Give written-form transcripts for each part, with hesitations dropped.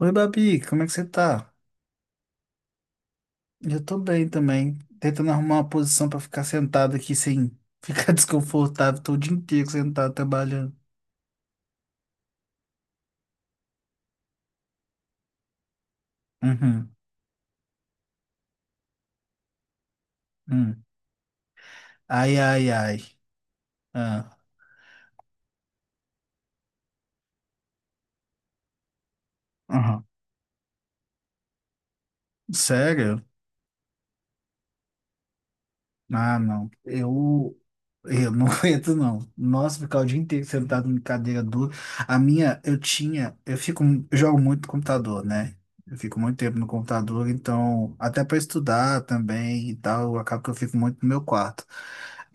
Oi, Babi, como é que você tá? Eu tô bem também. Tentando arrumar uma posição pra ficar sentado aqui sem ficar desconfortável. Tô o dia inteiro sentado trabalhando. Uhum, uhum. Ai, ai, ai. Ah, uhum. Sério? Ah, não. Eu não aguento, não. Nossa, ficar o dia inteiro sentado em cadeira dura. A minha, eu tinha, eu fico, eu jogo muito no computador, né? Eu fico muito tempo no computador, então, até para estudar também e tal, acaba que eu fico muito no meu quarto.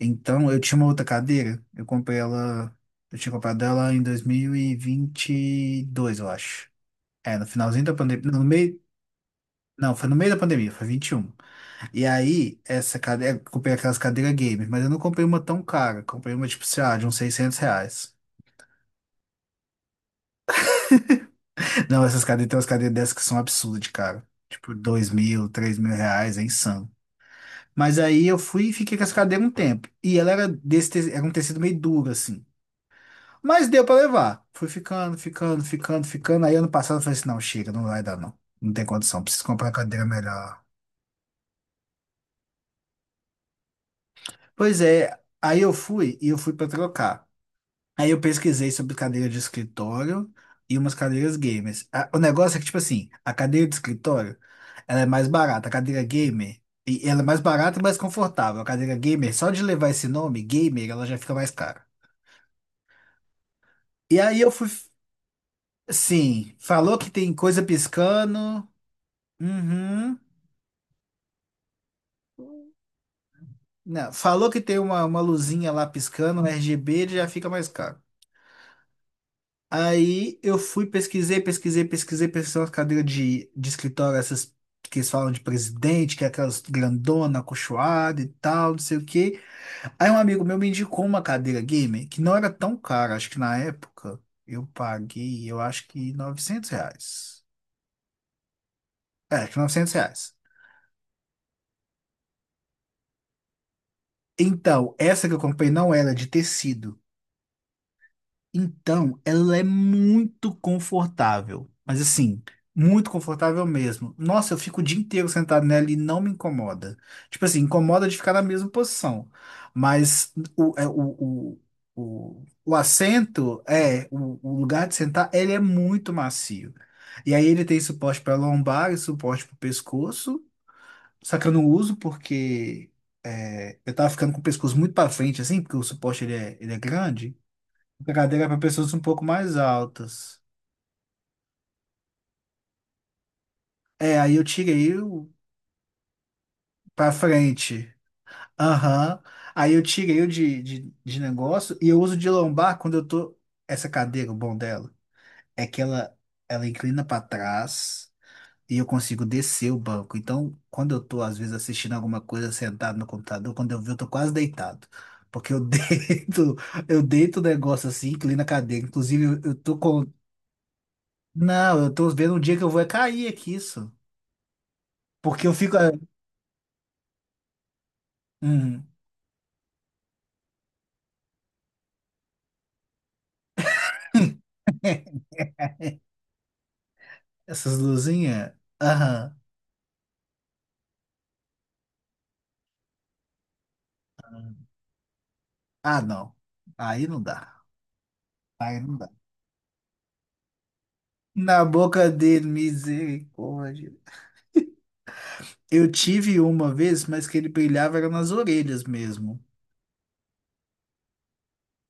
Então, eu tinha uma outra cadeira, eu comprei ela, eu tinha comprado ela em dois mil e vinte e dois eu acho. É, no finalzinho da pandemia, no meio, não, foi no meio da pandemia, foi 21 e aí, essa cadeira, eu comprei aquelas cadeiras gamer, mas eu não comprei uma tão cara. Comprei uma, tipo, sei lá, de uns 600 reais. Não, essas cadeiras, tem umas cadeiras dessas que são absurdas, de cara. Tipo, 2 mil, 3 mil reais, é insano. Mas aí eu fui e fiquei com essa cadeira um tempo. E ela era desse, era um tecido meio duro, assim. Mas deu pra levar. Fui ficando, ficando, ficando, ficando. Aí ano passado eu falei assim, não, chega, não vai dar não. Não tem condição, preciso comprar uma cadeira melhor. Pois é, aí eu fui e eu fui pra trocar. Aí eu pesquisei sobre cadeira de escritório e umas cadeiras gamers. O negócio é que, tipo assim, a cadeira de escritório, ela é mais barata. A cadeira gamer, e ela é mais barata e mais confortável. A cadeira gamer, só de levar esse nome, gamer, ela já fica mais cara. E aí eu fui, sim, falou que tem coisa piscando. Uhum. Não, falou que tem uma luzinha lá piscando, um RGB, ele já fica mais caro. Aí eu fui, pesquisei, pesquisei, pesquisei, pesquisei umas cadeiras de escritório, essas que eles falam de presidente, que é aquelas grandona, acolchoada e tal, não sei o quê. Aí um amigo meu me indicou uma cadeira gamer que não era tão cara, acho que na época eu paguei, eu acho que 900 reais. É, acho que 900 reais. Então, essa que eu comprei não era de tecido. Então, ela é muito confortável, mas assim, muito confortável mesmo. Nossa, eu fico o dia inteiro sentado nela e não me incomoda. Tipo assim, incomoda de ficar na mesma posição, mas o, é, o, o assento, é, o lugar de sentar, ele é muito macio. E aí ele tem suporte para lombar e suporte para o pescoço, só que eu não uso porque é, eu tava ficando com o pescoço muito para frente, assim, porque o suporte ele é grande. A cadeira é para pessoas um pouco mais altas. É, aí eu tirei o para frente. Aham. Aí eu tirei o de negócio e eu uso de lombar quando eu tô. Essa cadeira, o bom dela, é que ela inclina para trás e eu consigo descer o banco. Então, quando eu tô, às vezes, assistindo alguma coisa sentado no computador, quando eu vi, eu tô quase deitado. Porque eu deito, eu deito o negócio assim, inclina a cadeira. Inclusive, eu tô com. Não, eu tô vendo um dia que eu vou é cair aqui, porque eu fico. Ah, hum, essas luzinhas. Aham. Ah, não. Aí não dá. Aí não dá. Na boca dele, misericórdia. Eu tive uma vez, mas que ele brilhava era nas orelhas mesmo.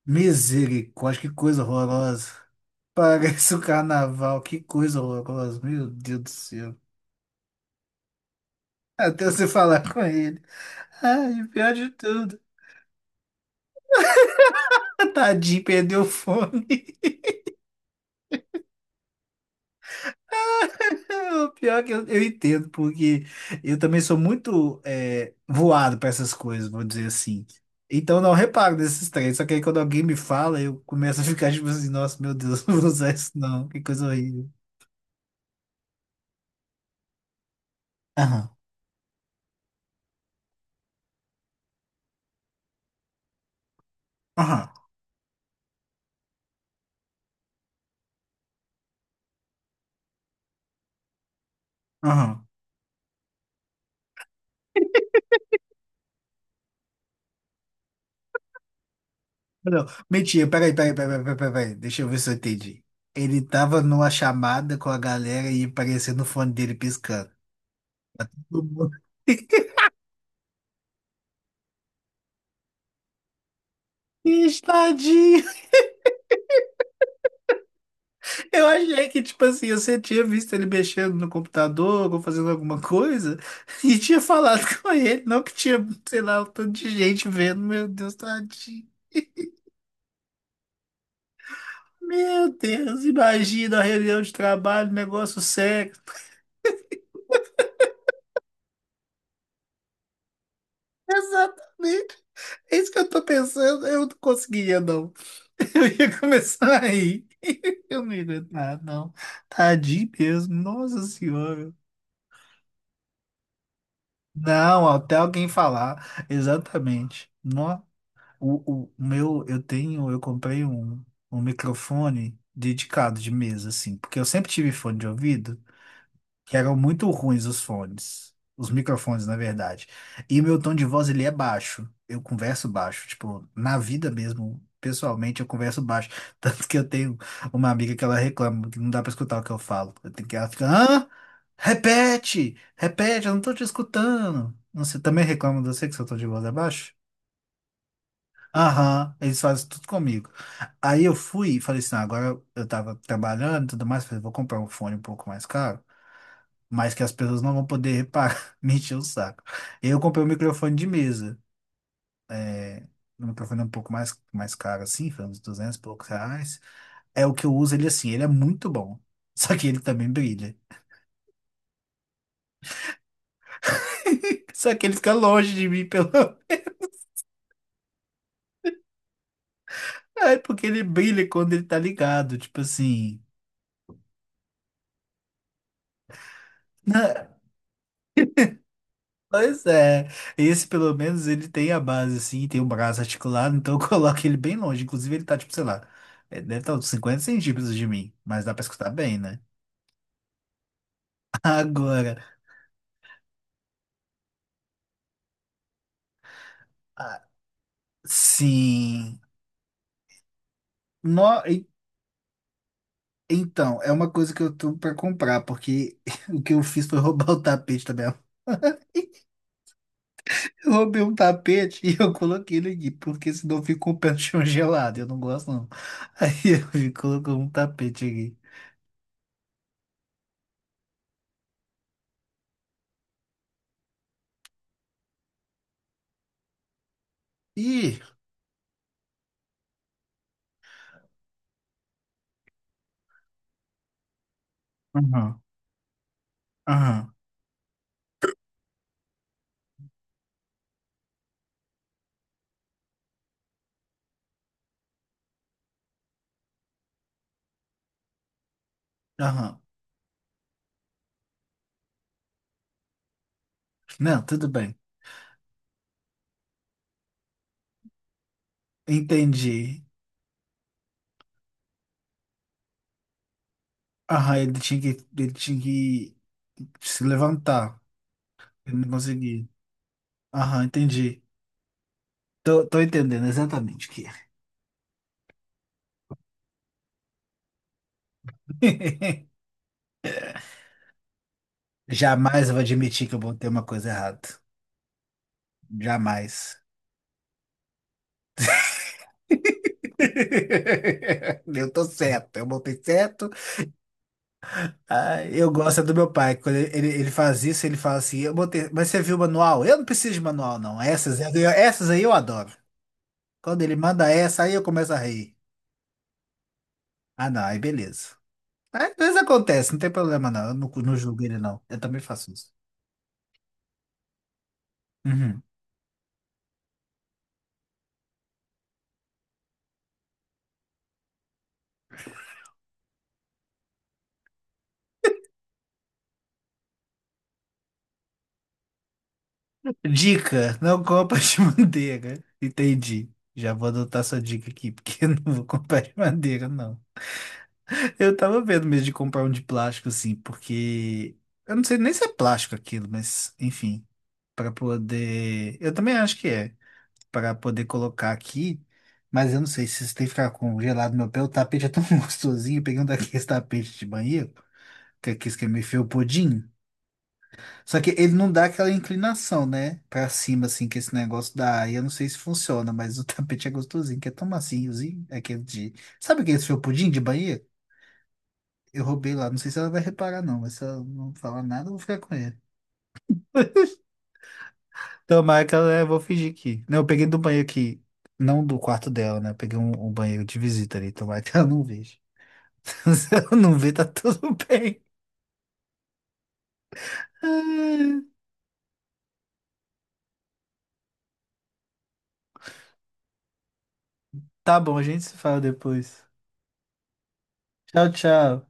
Misericórdia, que coisa horrorosa. Parece o carnaval, que coisa horrorosa. Meu Deus do céu. Até você falar com ele. Ai, pior de tudo. Tadinho, perdeu o fone. O pior é que eu entendo, porque eu também sou muito é, voado para essas coisas, vou dizer assim. Então não reparo nesses três, só que aí quando alguém me fala, eu começo a ficar tipo assim, nossa, meu Deus, não vou usar isso não, que coisa horrível. Aham, aham, aham. Não, mentira, peraí, peraí, peraí, peraí, peraí, peraí, deixa eu ver se eu entendi. Ele tava numa chamada com a galera e apareceu no fone dele piscando. Ixi, tadinho! Eu achei que, tipo assim, você tinha visto ele mexendo no computador ou fazendo alguma coisa e tinha falado com ele, não que tinha, sei lá, um tanto de gente vendo. Meu Deus, tadinho. Meu Deus, imagina a reunião de trabalho, negócio sério. Exatamente. É isso que eu tô pensando. Eu não conseguiria, não. Eu ia começar a rir. Eu não ia aguentar, não. Tadinho mesmo. Nossa Senhora. Não, até alguém falar. Exatamente. Nossa. O meu, eu tenho, eu comprei um, um microfone dedicado de mesa, assim, porque eu sempre tive fone de ouvido, que eram muito ruins os fones, os microfones, na verdade. E meu tom de voz, ele é baixo, eu converso baixo, tipo, na vida mesmo, pessoalmente, eu converso baixo. Tanto que eu tenho uma amiga que ela reclama que não dá pra escutar o que eu falo. Eu tenho que, ela fica, hã? Repete, repete, eu não tô te escutando. Você também reclama de você que seu tom de voz é baixo? Aham, eles fazem tudo comigo. Aí eu fui e falei assim, "Ah, agora eu tava trabalhando e tudo mais, falei, vou comprar um fone um pouco mais caro, mas que as pessoas não vão poder reparar, me encher o saco. E aí eu comprei um microfone de mesa, é, um microfone um pouco mais, mais caro assim, foi uns 200 e poucos reais. É o que eu uso ele assim, ele é muito bom, só que ele também brilha. Só que ele fica longe de mim pelo... É porque ele brilha quando ele tá ligado, tipo assim... né? Pois é, esse pelo menos ele tem a base assim, tem o braço articulado, então eu coloco ele bem longe. Inclusive ele tá tipo, sei lá, deve estar uns 50 centímetros de mim, mas dá pra escutar bem, né? Agora, ah, sim, no, e- então, é uma coisa que eu tô pra comprar, porque o que eu fiz foi roubar o tapete da minha Eu roubei um tapete e eu coloquei ele aqui, porque senão fica com o pé no chão gelado, eu não gosto não. Aí eu colocou um tapete aqui. Ih, aham, aham. Aham. Não, tudo bem. Entendi. Aham, ele tinha que se levantar. Ele não conseguia. Aham, entendi. Tô, tô entendendo exatamente o que é. Jamais eu vou admitir que eu botei uma coisa errada. Jamais. Eu tô certo, eu botei certo. Ah, eu gosto é do meu pai. Quando ele, ele faz isso, ele fala assim: eu botei, mas você viu o manual? Eu não preciso de manual, não. Essas, essas aí eu adoro. Quando ele manda essa, aí eu começo a rir. Ah, não, aí beleza. É, às vezes acontece, não tem problema não. Eu não, não julgo ele não. Eu também faço isso. Uhum. Dica, não compra de manteiga. Entendi. Já vou adotar sua dica aqui, porque eu não vou comprar de manteiga, não. Eu tava vendo mesmo de comprar um de plástico, assim, porque eu não sei nem se é plástico aquilo, mas enfim, para poder. Eu também acho que é, para poder colocar aqui, mas eu não sei se isso tem que ficar congelado no meu pé. O tapete é tão gostosinho. Eu peguei um daqueles tapetes de banheiro, que é aquele que é meio felpudinho. Só que ele não dá aquela inclinação, né? Pra cima, assim, que esse negócio dá. E eu não sei se funciona, mas o tapete é gostosinho, que é tão maciozinho, aquele de... Sabe aquele seu pudim de Bahia? Eu roubei lá, não sei se ela vai reparar não, mas se ela não falar nada, eu vou ficar com ele. Tomara que ela, eu vou fingir que... Não, eu peguei do banheiro aqui, não do quarto dela, né? Eu peguei um, um banheiro de visita ali, tomara que ela não veja. Se ela não ver, tá tudo bem. Tá bom, a gente se fala depois. Tchau, tchau.